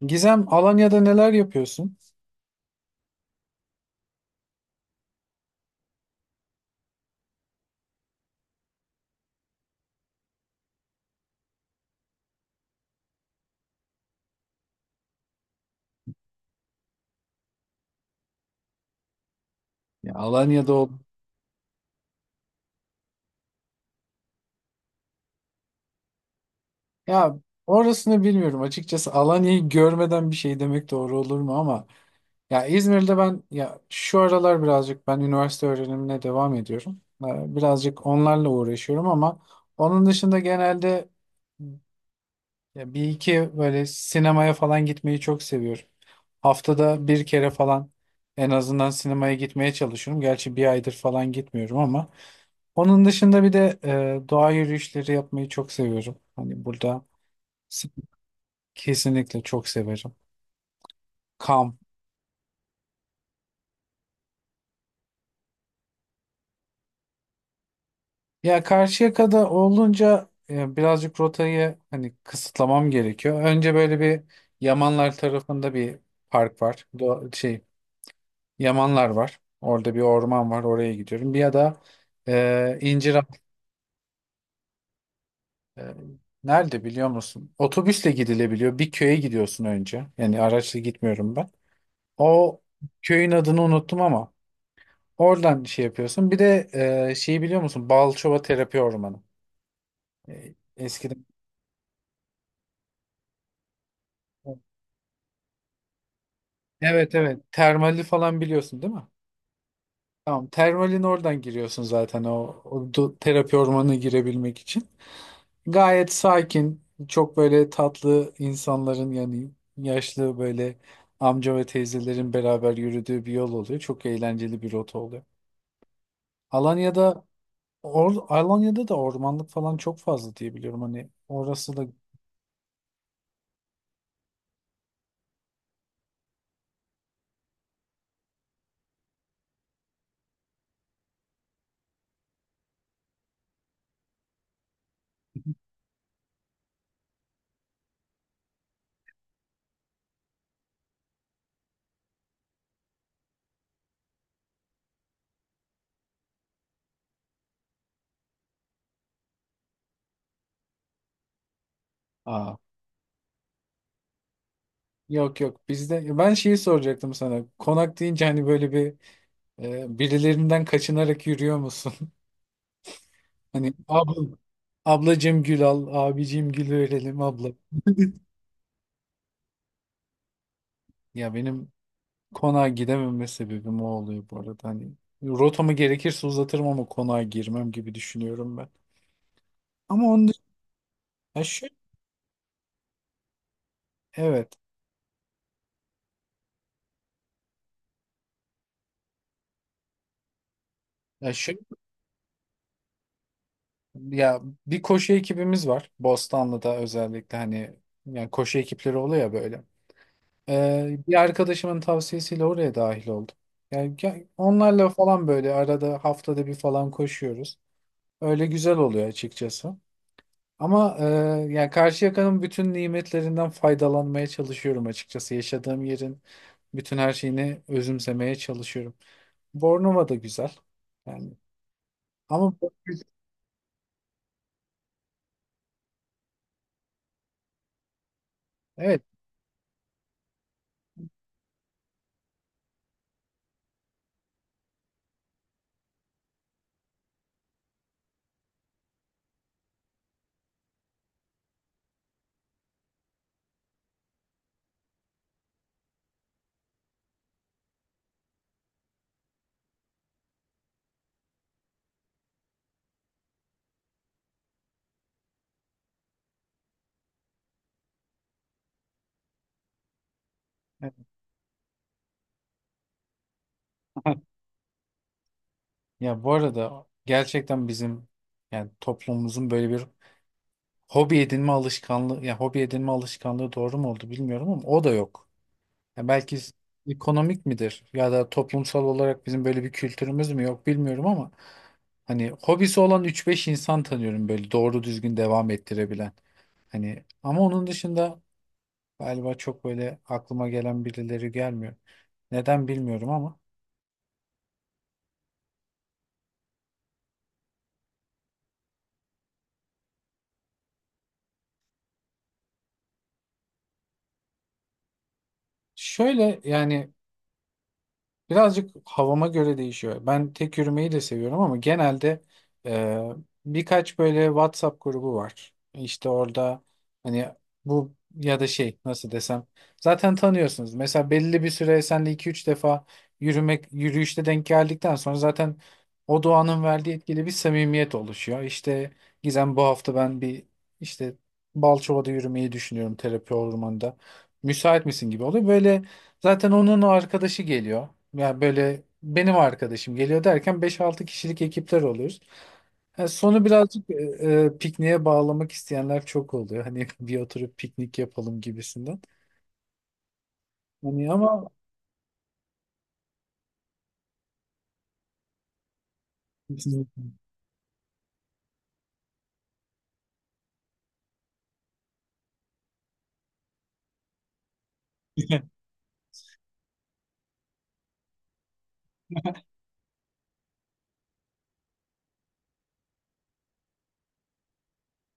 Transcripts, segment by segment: Gizem, Alanya'da neler yapıyorsun? Ya Alanya'da ol. Ya orasını bilmiyorum açıkçası. Alanya'yı görmeden bir şey demek doğru olur mu ama ya İzmir'de ben ya şu aralar birazcık ben üniversite öğrenimine devam ediyorum. Birazcık onlarla uğraşıyorum ama onun dışında genelde ya bir iki böyle sinemaya falan gitmeyi çok seviyorum. Haftada bir kere falan en azından sinemaya gitmeye çalışıyorum. Gerçi bir aydır falan gitmiyorum ama onun dışında bir de doğa yürüyüşleri yapmayı çok seviyorum. Hani burada s- kesinlikle çok severim. Kamp. Ya Karşıyaka'da olunca birazcık rotayı hani kısıtlamam gerekiyor. Önce böyle bir Yamanlar tarafında bir park var. Şey, Yamanlar var. Orada bir orman var. Oraya gidiyorum. Bir ya da İncirhan. E, Nerede biliyor musun? Otobüsle gidilebiliyor. Bir köye gidiyorsun önce. Yani araçla gitmiyorum ben. O köyün adını unuttum ama oradan şey yapıyorsun. Bir de şeyi biliyor musun? Balçova Terapi Ormanı. Eskiden. Evet, evet. Termali falan biliyorsun değil mi? Tamam. Termalin oradan giriyorsun zaten terapi ormanına girebilmek için. Gayet sakin, çok böyle tatlı insanların yani yaşlı böyle amca ve teyzelerin beraber yürüdüğü bir yol oluyor. Çok eğlenceli bir rota oluyor. Alanya'da Alanya'da da ormanlık falan çok fazla diye biliyorum. Hani orası da. Aa, yok yok, bizde ben şeyi soracaktım sana. Konak deyince hani böyle bir birilerinden kaçınarak yürüyor musun? Hani abla, ablacığım gül al, abicim gül verelim abla. Ya benim konağa gidememe sebebim o oluyor bu arada. Hani rotamı gerekirse uzatırım ama konağa girmem gibi düşünüyorum ben. Ama onun dışında ya şu evet. Ya şu ya bir koşu ekibimiz var. Bostanlı'da özellikle hani yani koşu ekipleri oluyor ya böyle. Bir arkadaşımın tavsiyesiyle oraya dahil oldum. Yani onlarla falan böyle arada haftada bir falan koşuyoruz. Öyle güzel oluyor açıkçası. Ama yani Karşıyaka'nın bütün nimetlerinden faydalanmaya çalışıyorum açıkçası. Yaşadığım yerin bütün her şeyini özümsemeye çalışıyorum. Bornova da güzel. Yani ama evet. Ya bu arada gerçekten bizim yani toplumumuzun böyle bir hobi edinme alışkanlığı ya hobi edinme alışkanlığı doğru mu oldu bilmiyorum ama o da yok. Ya belki ekonomik midir ya da toplumsal olarak bizim böyle bir kültürümüz mü yok bilmiyorum ama hani hobisi olan üç beş insan tanıyorum böyle doğru düzgün devam ettirebilen. Hani ama onun dışında galiba çok böyle aklıma gelen birileri gelmiyor. Neden bilmiyorum ama şöyle yani birazcık havama göre değişiyor. Ben tek yürümeyi de seviyorum ama genelde e, birkaç böyle WhatsApp grubu var. İşte orada hani bu ya da şey nasıl desem, zaten tanıyorsunuz. Mesela belli bir süre senle iki üç defa yürümek yürüyüşte denk geldikten sonra zaten o doğanın verdiği etkili bir samimiyet oluşuyor. İşte Gizem, bu hafta ben bir işte Balçova'da yürümeyi düşünüyorum terapi ormanında. Müsait misin gibi oluyor. Böyle zaten onun o arkadaşı geliyor. Yani böyle benim arkadaşım geliyor derken beş-altı kişilik ekipler oluyoruz. Yani sonu birazcık pikniğe bağlamak isteyenler çok oluyor. Hani bir oturup piknik yapalım gibisinden. Hani ama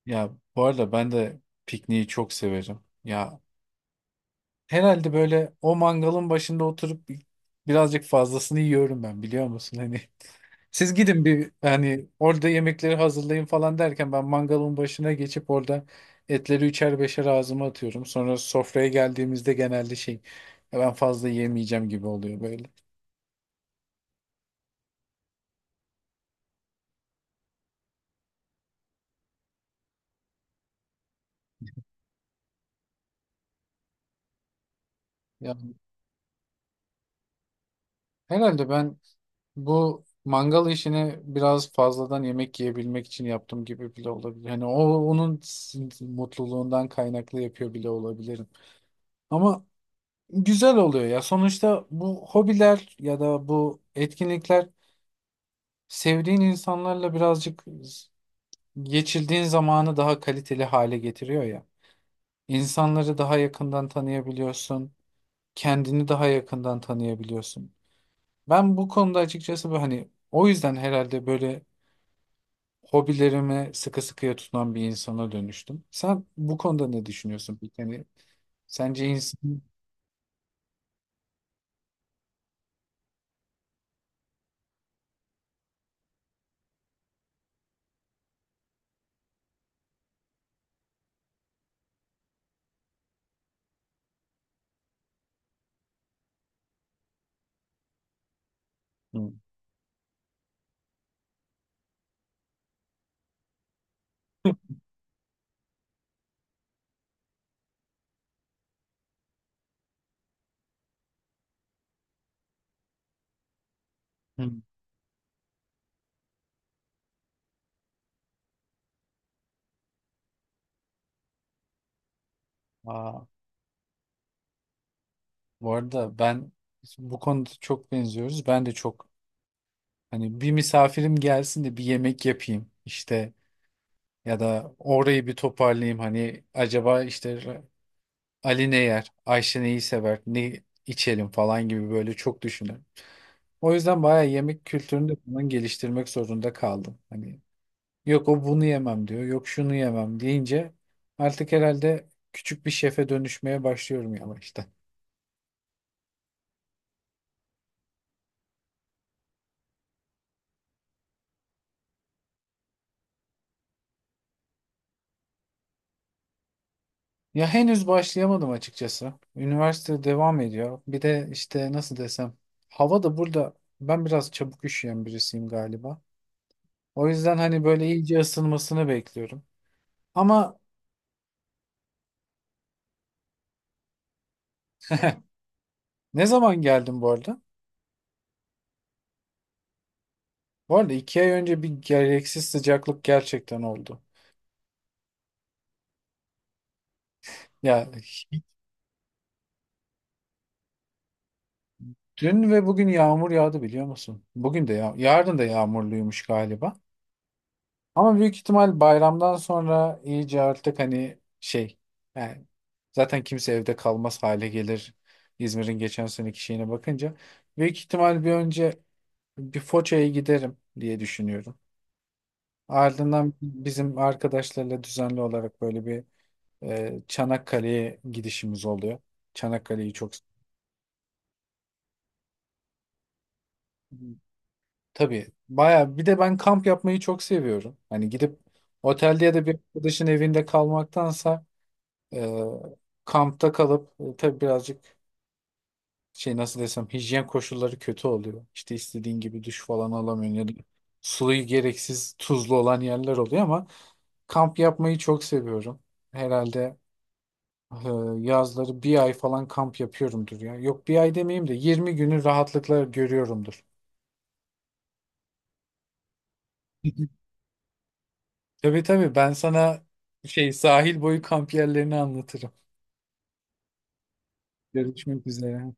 ya bu arada ben de pikniği çok severim. Ya herhalde böyle o mangalın başında oturup birazcık fazlasını yiyorum ben, biliyor musun? Hani siz gidin bir hani orada yemekleri hazırlayın falan derken ben mangalın başına geçip orada etleri üçer beşer ağzıma atıyorum. Sonra sofraya geldiğimizde genelde şey "Ya ben fazla yemeyeceğim" gibi oluyor böyle. Ya, herhalde ben bu mangal işini biraz fazladan yemek yiyebilmek için yaptım gibi bile olabilir. Hani onun mutluluğundan kaynaklı yapıyor bile olabilirim. Ama güzel oluyor ya. Sonuçta bu hobiler ya da bu etkinlikler sevdiğin insanlarla birazcık geçirdiğin zamanı daha kaliteli hale getiriyor ya. İnsanları daha yakından tanıyabiliyorsun, kendini daha yakından tanıyabiliyorsun. Ben bu konuda açıkçası bu hani o yüzden herhalde böyle hobilerime sıkı sıkıya tutunan bir insana dönüştüm. Sen bu konuda ne düşünüyorsun peki? Hani sence insan. Hı. Hı. Aa, bu arada ben bu konuda çok benziyoruz. Ben de çok hani bir misafirim gelsin de bir yemek yapayım işte ya da orayı bir toparlayayım hani acaba işte Ali ne yer, Ayşe neyi sever, ne içelim falan gibi böyle çok düşünürüm. O yüzden bayağı yemek kültürünü de falan geliştirmek zorunda kaldım. Hani yok o bunu yemem diyor, yok şunu yemem deyince artık herhalde küçük bir şefe dönüşmeye başlıyorum yavaştan. Ya henüz başlayamadım açıkçası. Üniversite devam ediyor. Bir de işte nasıl desem, hava da burada ben biraz çabuk üşüyen birisiyim galiba. O yüzden hani böyle iyice ısınmasını bekliyorum. Ama ne zaman geldim bu arada? Bu arada iki ay önce bir gereksiz sıcaklık gerçekten oldu. Ya dün ve bugün yağmur yağdı biliyor musun? Bugün de yağ, yarın da yağmurluymuş galiba. Ama büyük ihtimal bayramdan sonra iyice artık hani şey yani zaten kimse evde kalmaz hale gelir. İzmir'in geçen seneki şeyine bakınca büyük ihtimal bir önce bir Foça'ya giderim diye düşünüyorum. Ardından bizim arkadaşlarla düzenli olarak böyle bir Çanakkale'ye gidişimiz oluyor. Çanakkale'yi çok tabii baya, bir de ben kamp yapmayı çok seviyorum. Hani gidip otelde ya da bir arkadaşın evinde kalmaktansa Ee, kampta kalıp, tabii birazcık şey nasıl desem hijyen koşulları kötü oluyor. İşte istediğin gibi duş falan alamıyorsun ya da suyu gereksiz tuzlu olan yerler oluyor ama kamp yapmayı çok seviyorum. Herhalde e, yazları bir ay falan kamp yapıyorumdur ya. Yok bir ay demeyeyim de 20 günü rahatlıkla görüyorumdur. Tabii tabii ben sana şey sahil boyu kamp yerlerini anlatırım. Görüşmek üzere.